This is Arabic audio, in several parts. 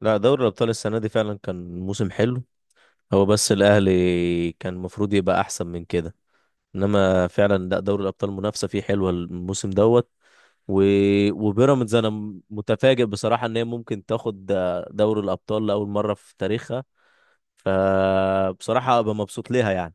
لا، دوري الأبطال السنة دي فعلا كان موسم حلو. هو بس الأهلي كان المفروض يبقى أحسن من كده. إنما فعلا لا دوري الأبطال منافسة فيه حلوة الموسم دوت. و... وبيراميدز أنا متفاجئ بصراحة إن هي ممكن تاخد دوري الأبطال لأول مرة في تاريخها. فبصراحة أبقى مبسوط ليها يعني.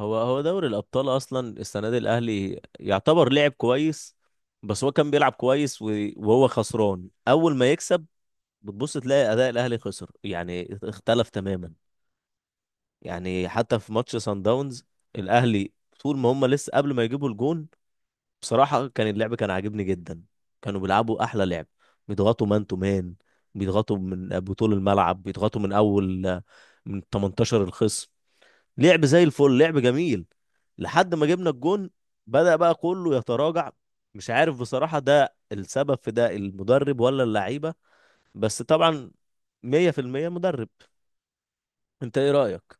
هو دوري الأبطال أصلا السنة دي الأهلي يعتبر لعب كويس. بس هو كان بيلعب كويس وهو خسران أول ما يكسب. بتبص تلاقي اداء الاهلي خسر، يعني اختلف تماما. يعني حتى في ماتش سان داونز، الاهلي طول ما هم لسه قبل ما يجيبوا الجون بصراحه كان اللعب كان عاجبني جدا. كانوا بيلعبوا احلى لعب. بيضغطوا مان تو مان. بيضغطوا من بطول الملعب. بيضغطوا من اول، من 18 الخصم. لعب زي الفل، لعب جميل لحد ما جبنا الجون. بدأ بقى كله يتراجع. مش عارف بصراحه ده السبب في ده المدرب ولا اللعيبه. بس طبعا 100% مدرب. انت ايه رأيك؟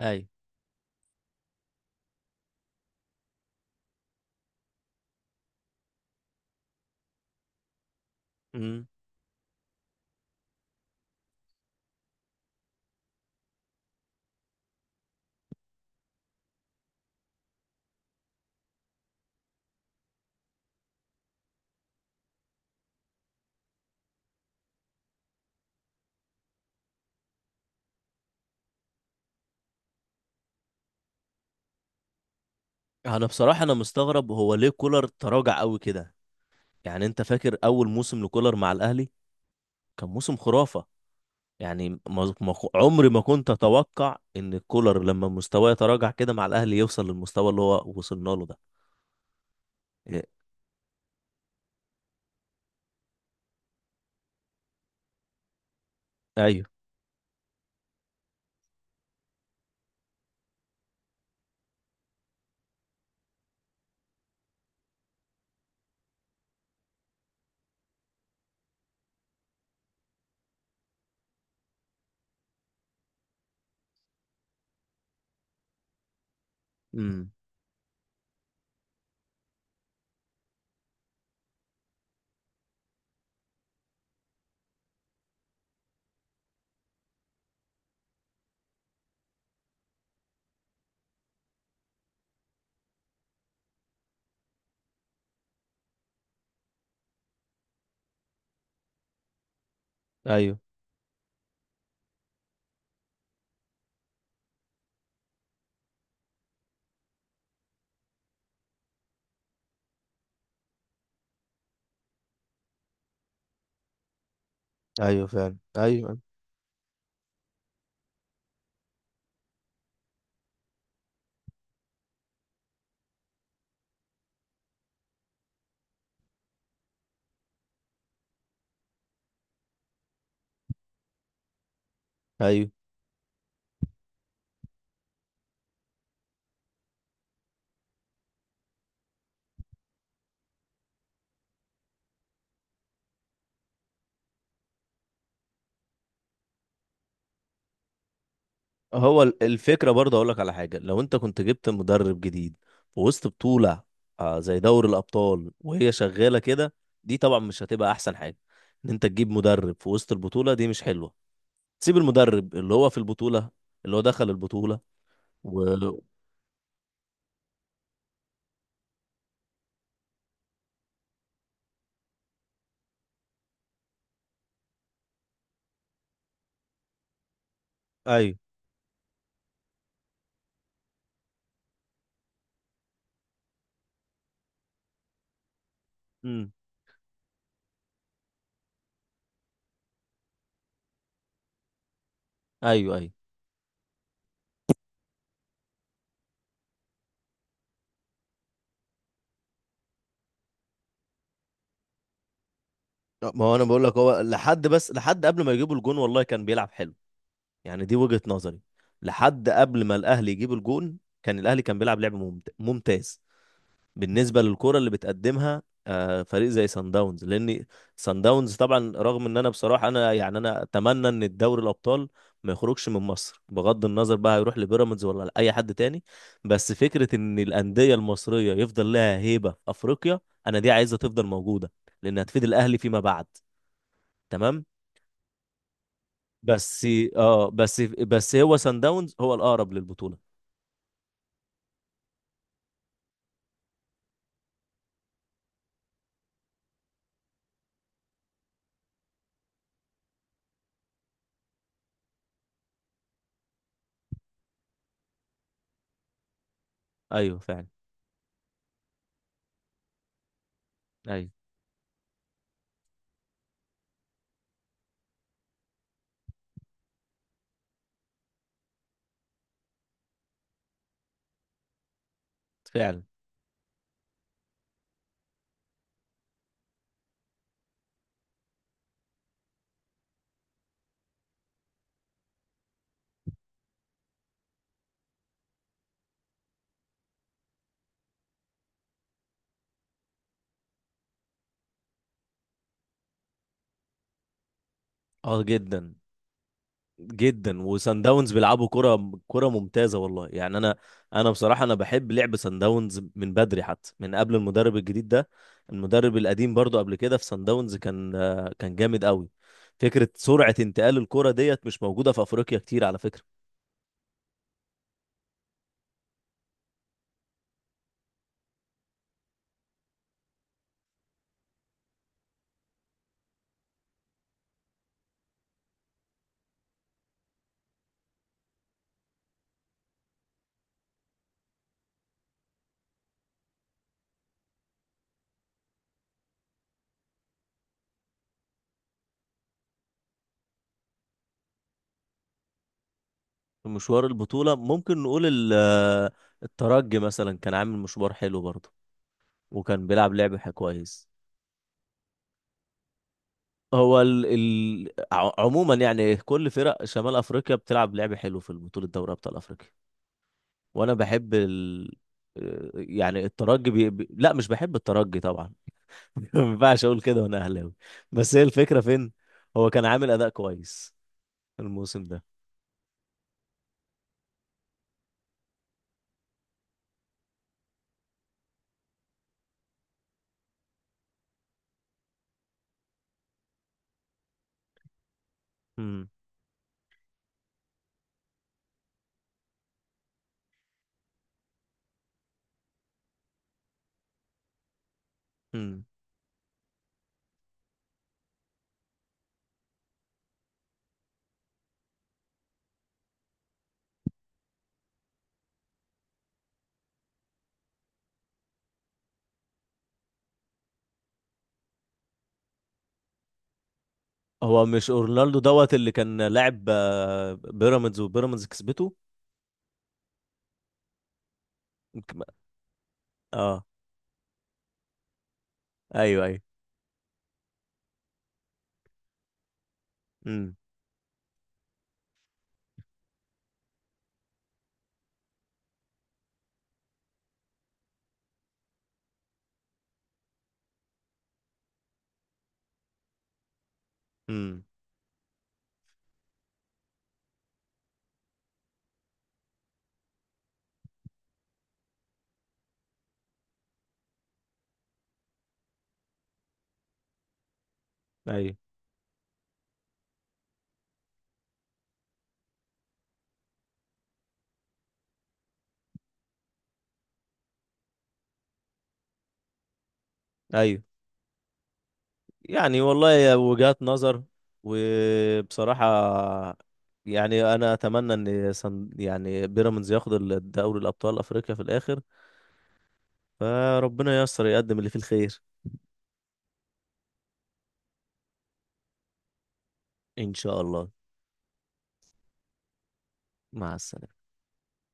ايوه. امم. انا بصراحة انا مستغرب هو ليه كولر تراجع قوي كده. يعني انت فاكر اول موسم لكولر مع الاهلي كان موسم خرافة. يعني عمري ما كنت اتوقع ان كولر لما مستواه يتراجع كده مع الاهلي يوصل للمستوى اللي هو وصلنا له ده. إيه، ايوه. امم. ايوه. ايوه فعلا. ايوه. ايوه. هو الفكرة برضه أقول لك على حاجة. لو أنت كنت جبت مدرب جديد في وسط بطولة، زي دوري الأبطال وهي شغالة كده، دي طبعا مش هتبقى أحسن حاجة. إن أنت تجيب مدرب في وسط البطولة دي مش حلوة. سيب المدرب اللي هو في البطولة، اللي هو دخل البطولة و أيوه. أمم. أيوه. أيوه. ما هو أنا بقول لك هو لحد، بس لحد قبل ما يجيبوا الجون والله كان بيلعب حلو. يعني دي وجهة نظري. لحد قبل ما الأهلي يجيب الجون كان الأهلي كان بيلعب لعب ممتاز بالنسبه للكره اللي بتقدمها. فريق زي سان داونز، لان سان داونز طبعا، رغم ان انا بصراحه انا يعني انا اتمنى ان الدوري الابطال ما يخرجش من مصر بغض النظر بقى هيروح لبيراميدز ولا لاي حد تاني. بس فكره ان الانديه المصريه يفضل لها هيبه في افريقيا، انا دي عايزها تفضل موجوده لان هتفيد الاهلي فيما بعد. تمام. بس اه بس بس هو سان داونز هو الاقرب للبطوله. ايوه فعلا. ايوه فعلا. اه جدا جدا. وسان داونز بيلعبوا كرة ممتازة والله. يعني انا بصراحة انا بحب لعب سان داونز من بدري، حتى من قبل المدرب الجديد ده. المدرب القديم برضو قبل كده في سان داونز كان، كان جامد قوي. فكرة سرعة انتقال الكرة ديت مش موجودة في افريقيا كتير على فكرة. في مشوار البطولة ممكن نقول الترجي مثلا كان عامل مشوار حلو برضو وكان بيلعب لعب كويس. هو عموما يعني كل فرق شمال افريقيا بتلعب لعب حلو في البطولة، دوري ابطال افريقيا. وانا بحب ال... آه، يعني الترجي، لا مش بحب الترجي طبعا. ما ينفعش اقول كده وانا اهلاوي. بس هي الفكره فين؟ هو كان عامل اداء كويس الموسم ده. امم. امم. هو مش اورنالدو دوت اللي كان لاعب، بيراميدز وبيراميدز كسبته؟ اه. ايوه ايوه. امم. امم. ايوه ايوه. يعني والله هي وجهات نظر، وبصراحة يعني أنا أتمنى إن يعني بيراميدز ياخد دوري الأبطال أفريقيا في الآخر. فربنا ييسر يقدم اللي فيه الخير. إن شاء الله. مع السلامة.